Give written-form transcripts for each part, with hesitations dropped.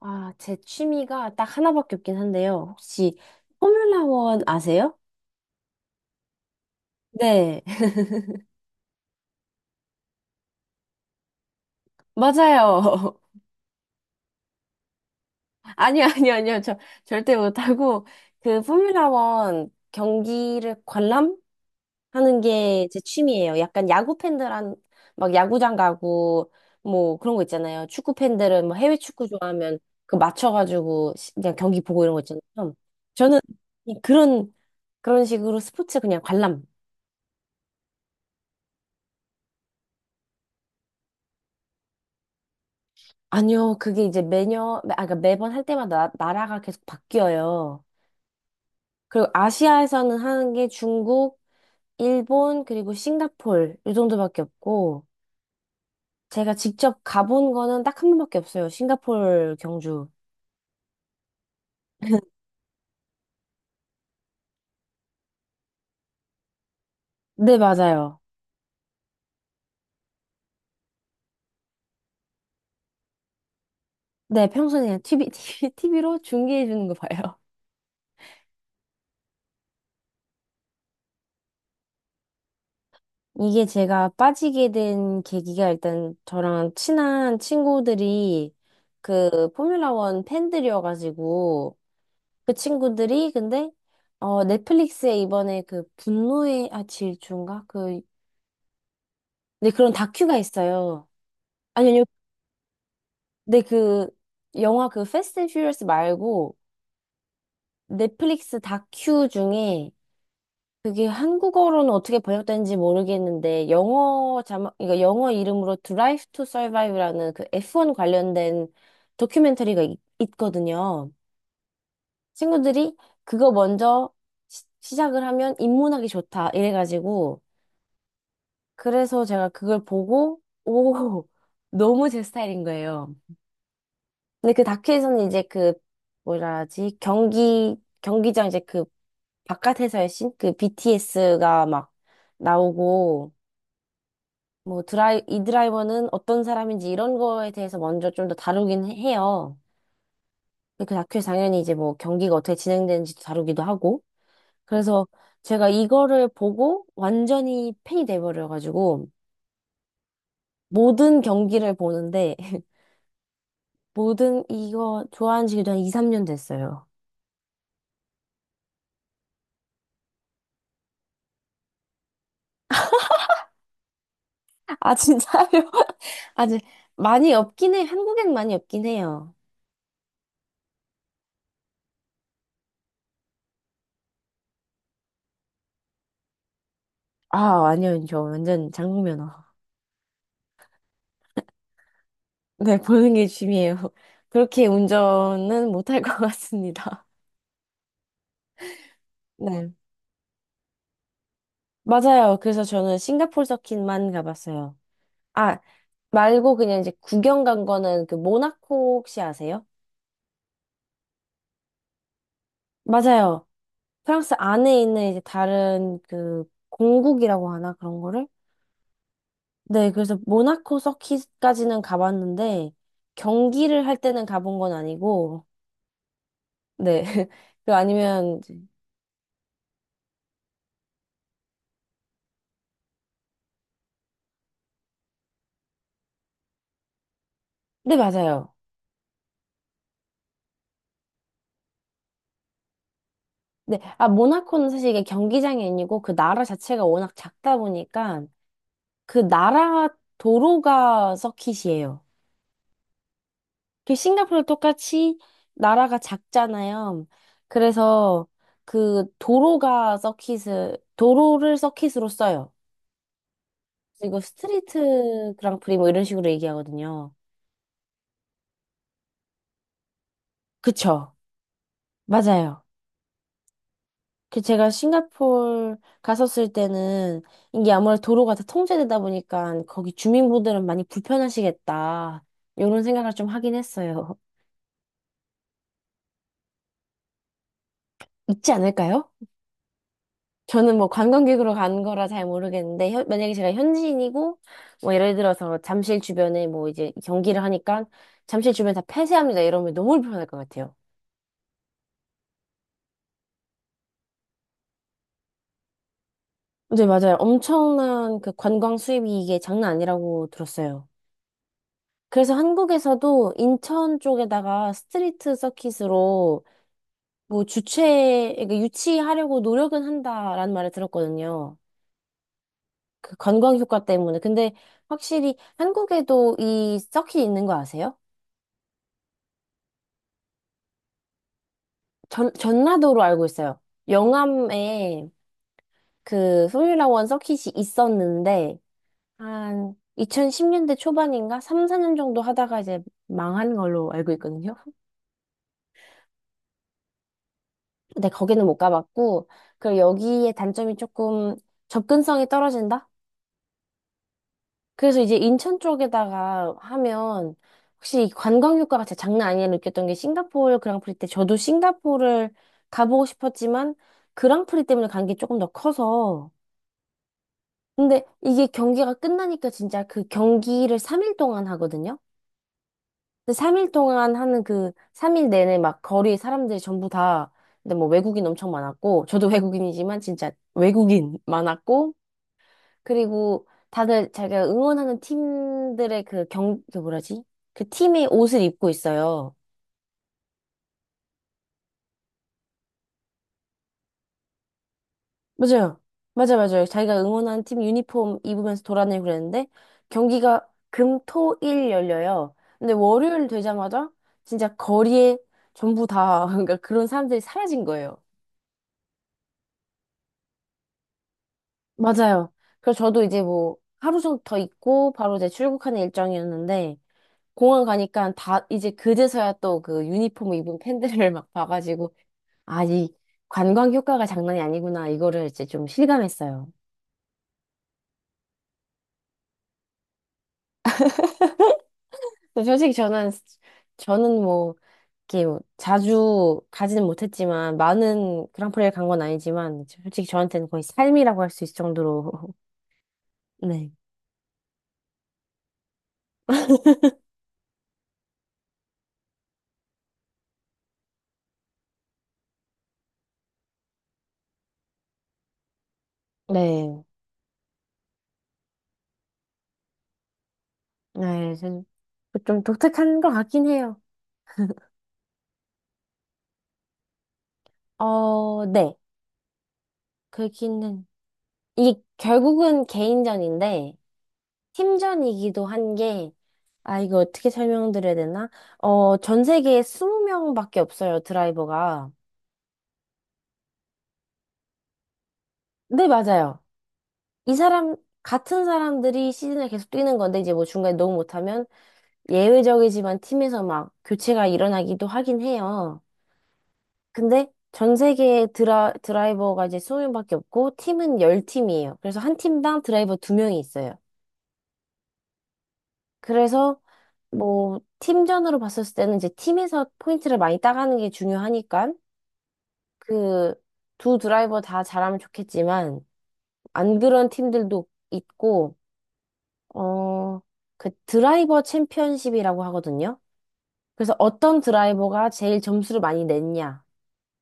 아, 제 취미가 딱 하나밖에 없긴 한데요. 혹시 포뮬라 원 아세요? 네, 맞아요. 아니요, 아니요, 아니요. 저 절대 못하고 그 포뮬라 원 경기를 관람하는 게 제 취미예요. 약간 야구 팬들한 막 야구장 가고 뭐 그런 거 있잖아요. 축구 팬들은 뭐 해외 축구 좋아하면 그 맞춰가지고 그냥 경기 보고 이런 거 있잖아요. 저는 그냥 그런 식으로 스포츠 그냥 관람. 아니요, 그게 이제 매년, 아, 그러니까 매번 할 때마다 나, 라가 계속 바뀌어요. 그리고 아시아에서는 하는 게 중국, 일본, 그리고 싱가폴, 이 정도밖에 없고, 제가 직접 가본 거는 딱 한 번밖에 없어요. 싱가폴, 경주. 네, 맞아요. 네, 평소에 그냥 TV로 중계해 주는 거 봐요. 이게 제가 빠지게 된 계기가 일단 저랑 친한 친구들이 그 포뮬라 원 팬들이어가지고, 그 친구들이 근데 넷플릭스에 이번에 그 분노의 질주인가 그 네, 그런 다큐가 있어요. 아니 아니요. 네, 그 영화 그 패스트 앤 퓨리어스 말고 넷플릭스 다큐 중에 그게 한국어로는 어떻게 번역된지 모르겠는데 영어 자막 그러니까 영어 이름으로 드라이브 투 서바이브라는 그 F1 관련된 다큐멘터리가 있거든요. 친구들이 그거 먼저 시작을 하면 입문하기 좋다 이래가지고 그래서 제가 그걸 보고, 오, 너무 제 스타일인 거예요. 근데 그 다큐에서는 이제 그, 뭐라 하지, 경기장 이제 그 바깥에서의 씬? 그 BTS가 막 나오고, 뭐 이 드라이버는 어떤 사람인지 이런 거에 대해서 먼저 좀 더 다루긴 해요. 근데 그 다큐에 당연히 이제 뭐 경기가 어떻게 진행되는지도 다루기도 하고. 그래서 제가 이거를 보고 완전히 팬이 돼버려가지고 모든 경기를 보는데 모든 이거 좋아하는 지 그냥 2, 3년 됐어요. 아, 진짜요? 아직 많이 없긴 해. 한국엔 많이 없긴 해요. 아, 아니요. 저 완전 장국면허. 네, 보는 게 취미예요. 그렇게 운전은 못할 것 같습니다. 네. 맞아요. 그래서 저는 싱가포르 서킷만 가봤어요. 아, 말고 그냥 이제 구경 간 거는 그 모나코 혹시 아세요? 맞아요. 프랑스 안에 있는 이제 다른 그 공국이라고 하나 그런 거를 네, 그래서 모나코 서킷까지는 가봤는데 경기를 할 때는 가본 건 아니고 네. 그 아니면 이제- 네, 맞아요. 네. 아, 모나코는 사실 이게 경기장이 아니고 그 나라 자체가 워낙 작다 보니까 그 나라 도로가 서킷이에요. 그 싱가포르 똑같이 나라가 작잖아요. 그래서 그 도로가 서킷을 도로를 서킷으로 써요. 그리고 스트리트 그랑프리 뭐 이런 식으로 얘기하거든요. 그쵸. 맞아요. 그 제가 싱가포르 갔었을 때는 이게 아무래도 도로가 다 통제되다 보니까 거기 주민분들은 많이 불편하시겠다. 이런 생각을 좀 하긴 했어요. 있지 않을까요? 저는 뭐 관광객으로 간 거라 잘 모르겠는데 만약에 제가 현지인이고 뭐 예를 들어서 잠실 주변에 뭐 이제 경기를 하니까 잠실 주변 다 폐쇄합니다 이러면 너무 불편할 것 같아요. 네, 맞아요. 엄청난 그 관광 수입이 이게 장난 아니라고 들었어요. 그래서 한국에서도 인천 쪽에다가 스트리트 서킷으로 뭐 주최, 그러니까 유치하려고 노력은 한다라는 말을 들었거든요. 그 관광 효과 때문에. 근데 확실히 한국에도 이 서킷 있는 거 아세요? 전라도로 알고 있어요. 영암에 그 포뮬라 원 서킷이 있었는데 한 2010년대 초반인가 3, 4년 정도 하다가 이제 망한 걸로 알고 있거든요. 근데 거기는 못 가봤고, 그리고 여기의 단점이 조금 접근성이 떨어진다? 그래서 이제 인천 쪽에다가 하면, 혹시 이 관광 효과가 진짜 장난 아니라 느꼈던 게 싱가포르 그랑프리 때 저도 싱가포르를 가보고 싶었지만 그랑프리 때문에 간 게 조금 더 커서 근데 이게 경기가 끝나니까 진짜 그 경기를 3일 동안 하거든요? 근데 3일 동안 하는 그 3일 내내 막 거리에 사람들이 전부 다 근데 뭐 외국인 엄청 많았고 저도 외국인이지만 진짜 외국인 많았고 그리고 다들 자기가 응원하는 팀들의 그 그 뭐라지? 그 팀의 옷을 입고 있어요. 맞아요. 맞아요. 자기가 응원하는 팀 유니폼 입으면서 돌아다니고 그랬는데 경기가 금, 토, 일 열려요. 근데 월요일 되자마자 진짜 거리에 전부 다 그러니까 그런 사람들이 사라진 거예요. 맞아요. 그래서 저도 이제 뭐 하루 정도 더 있고 바로 이제 출국하는 일정이었는데 공항 가니까 다 이제 그제서야 또 그 유니폼 입은 팬들을 막 봐가지고 아, 이 관광 효과가 장난이 아니구나 이거를 이제 좀 실감했어요. 근데 솔직히 저는 뭐 이렇게 뭐 자주 가지는 못했지만 많은 그랑프리를 간 건 아니지만 솔직히 저한테는 거의 삶이라고 할 수 있을 정도로 네. 네. 네. 좀 독특한 것 같긴 해요. 어, 네. 그기는 이게 결국은 개인전인데, 팀전이기도 한 게, 아, 이거 어떻게 설명드려야 되나? 어, 전 세계에 20명밖에 없어요, 드라이버가. 네, 맞아요. 이 사람, 같은 사람들이 시즌을 계속 뛰는 건데, 이제 뭐 중간에 너무 못하면 예외적이지만 팀에서 막 교체가 일어나기도 하긴 해요. 근데 전 세계에 드라이버가 이제 20명밖에 없고, 팀은 10팀이에요. 그래서 한 팀당 드라이버 2명이 있어요. 그래서 뭐 팀전으로 봤을 때는 이제 팀에서 포인트를 많이 따가는 게 중요하니까 그 두 드라이버 다 잘하면 좋겠지만 안 그런 팀들도 있고 어 그 드라이버 챔피언십이라고 하거든요. 그래서 어떤 드라이버가 제일 점수를 많이 냈냐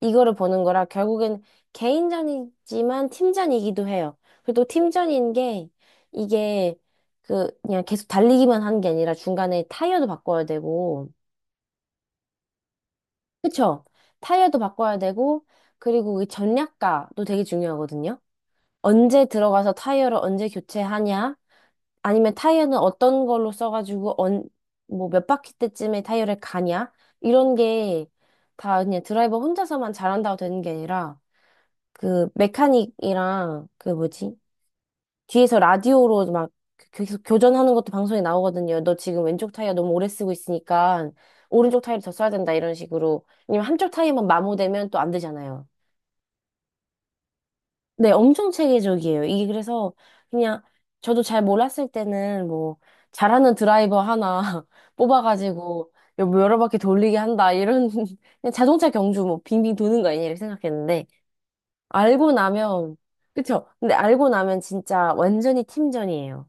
이거를 보는 거라 결국엔 개인전이지만 팀전이기도 해요. 그리고 또 팀전인 게 이게 그 그냥 계속 달리기만 하는 게 아니라 중간에 타이어도 바꿔야 되고 그쵸? 타이어도 바꿔야 되고, 그리고 이 전략가도 되게 중요하거든요. 언제 들어가서 타이어를 언제 교체하냐? 아니면 타이어는 어떤 걸로 써가지고, 언, 뭐 몇 바퀴 때쯤에 타이어를 가냐? 이런 게 다 그냥 드라이버 혼자서만 잘한다고 되는 게 아니라, 그 메카닉이랑 그 뭐지? 뒤에서 라디오로 막 계속 교전하는 것도 방송에 나오거든요. 너 지금 왼쪽 타이어 너무 오래 쓰고 있으니까 오른쪽 타이어를 더 써야 된다 이런 식으로. 왜냐면 한쪽 타이어만 마모되면 또 안 되잖아요. 네, 엄청 체계적이에요. 이게 그래서 그냥 저도 잘 몰랐을 때는 뭐 잘하는 드라이버 하나 뽑아가지고 여러 바퀴 돌리게 한다 이런 그냥 자동차 경주 뭐 빙빙 도는 거 아니냐 이렇게 생각했는데 알고 나면 그쵸? 근데 알고 나면 진짜 완전히 팀전이에요.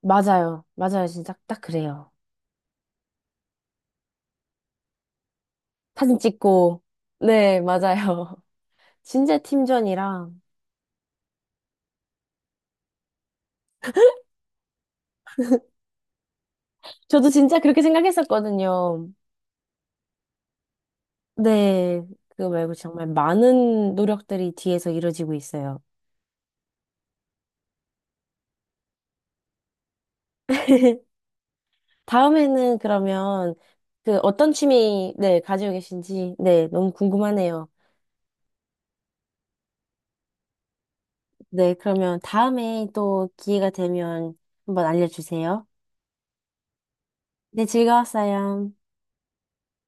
맞아요. 맞아요. 진짜 딱 그래요. 사진 찍고. 네, 맞아요. 진짜 팀전이랑. 저도 진짜 그렇게 생각했었거든요. 네. 그거 말고 정말 많은 노력들이 뒤에서 이루어지고 있어요. 다음에는 그러면 그 어떤 취미, 네, 가지고 계신지, 네, 너무 궁금하네요. 네, 그러면 다음에 또 기회가 되면 한번 알려주세요. 네, 즐거웠어요.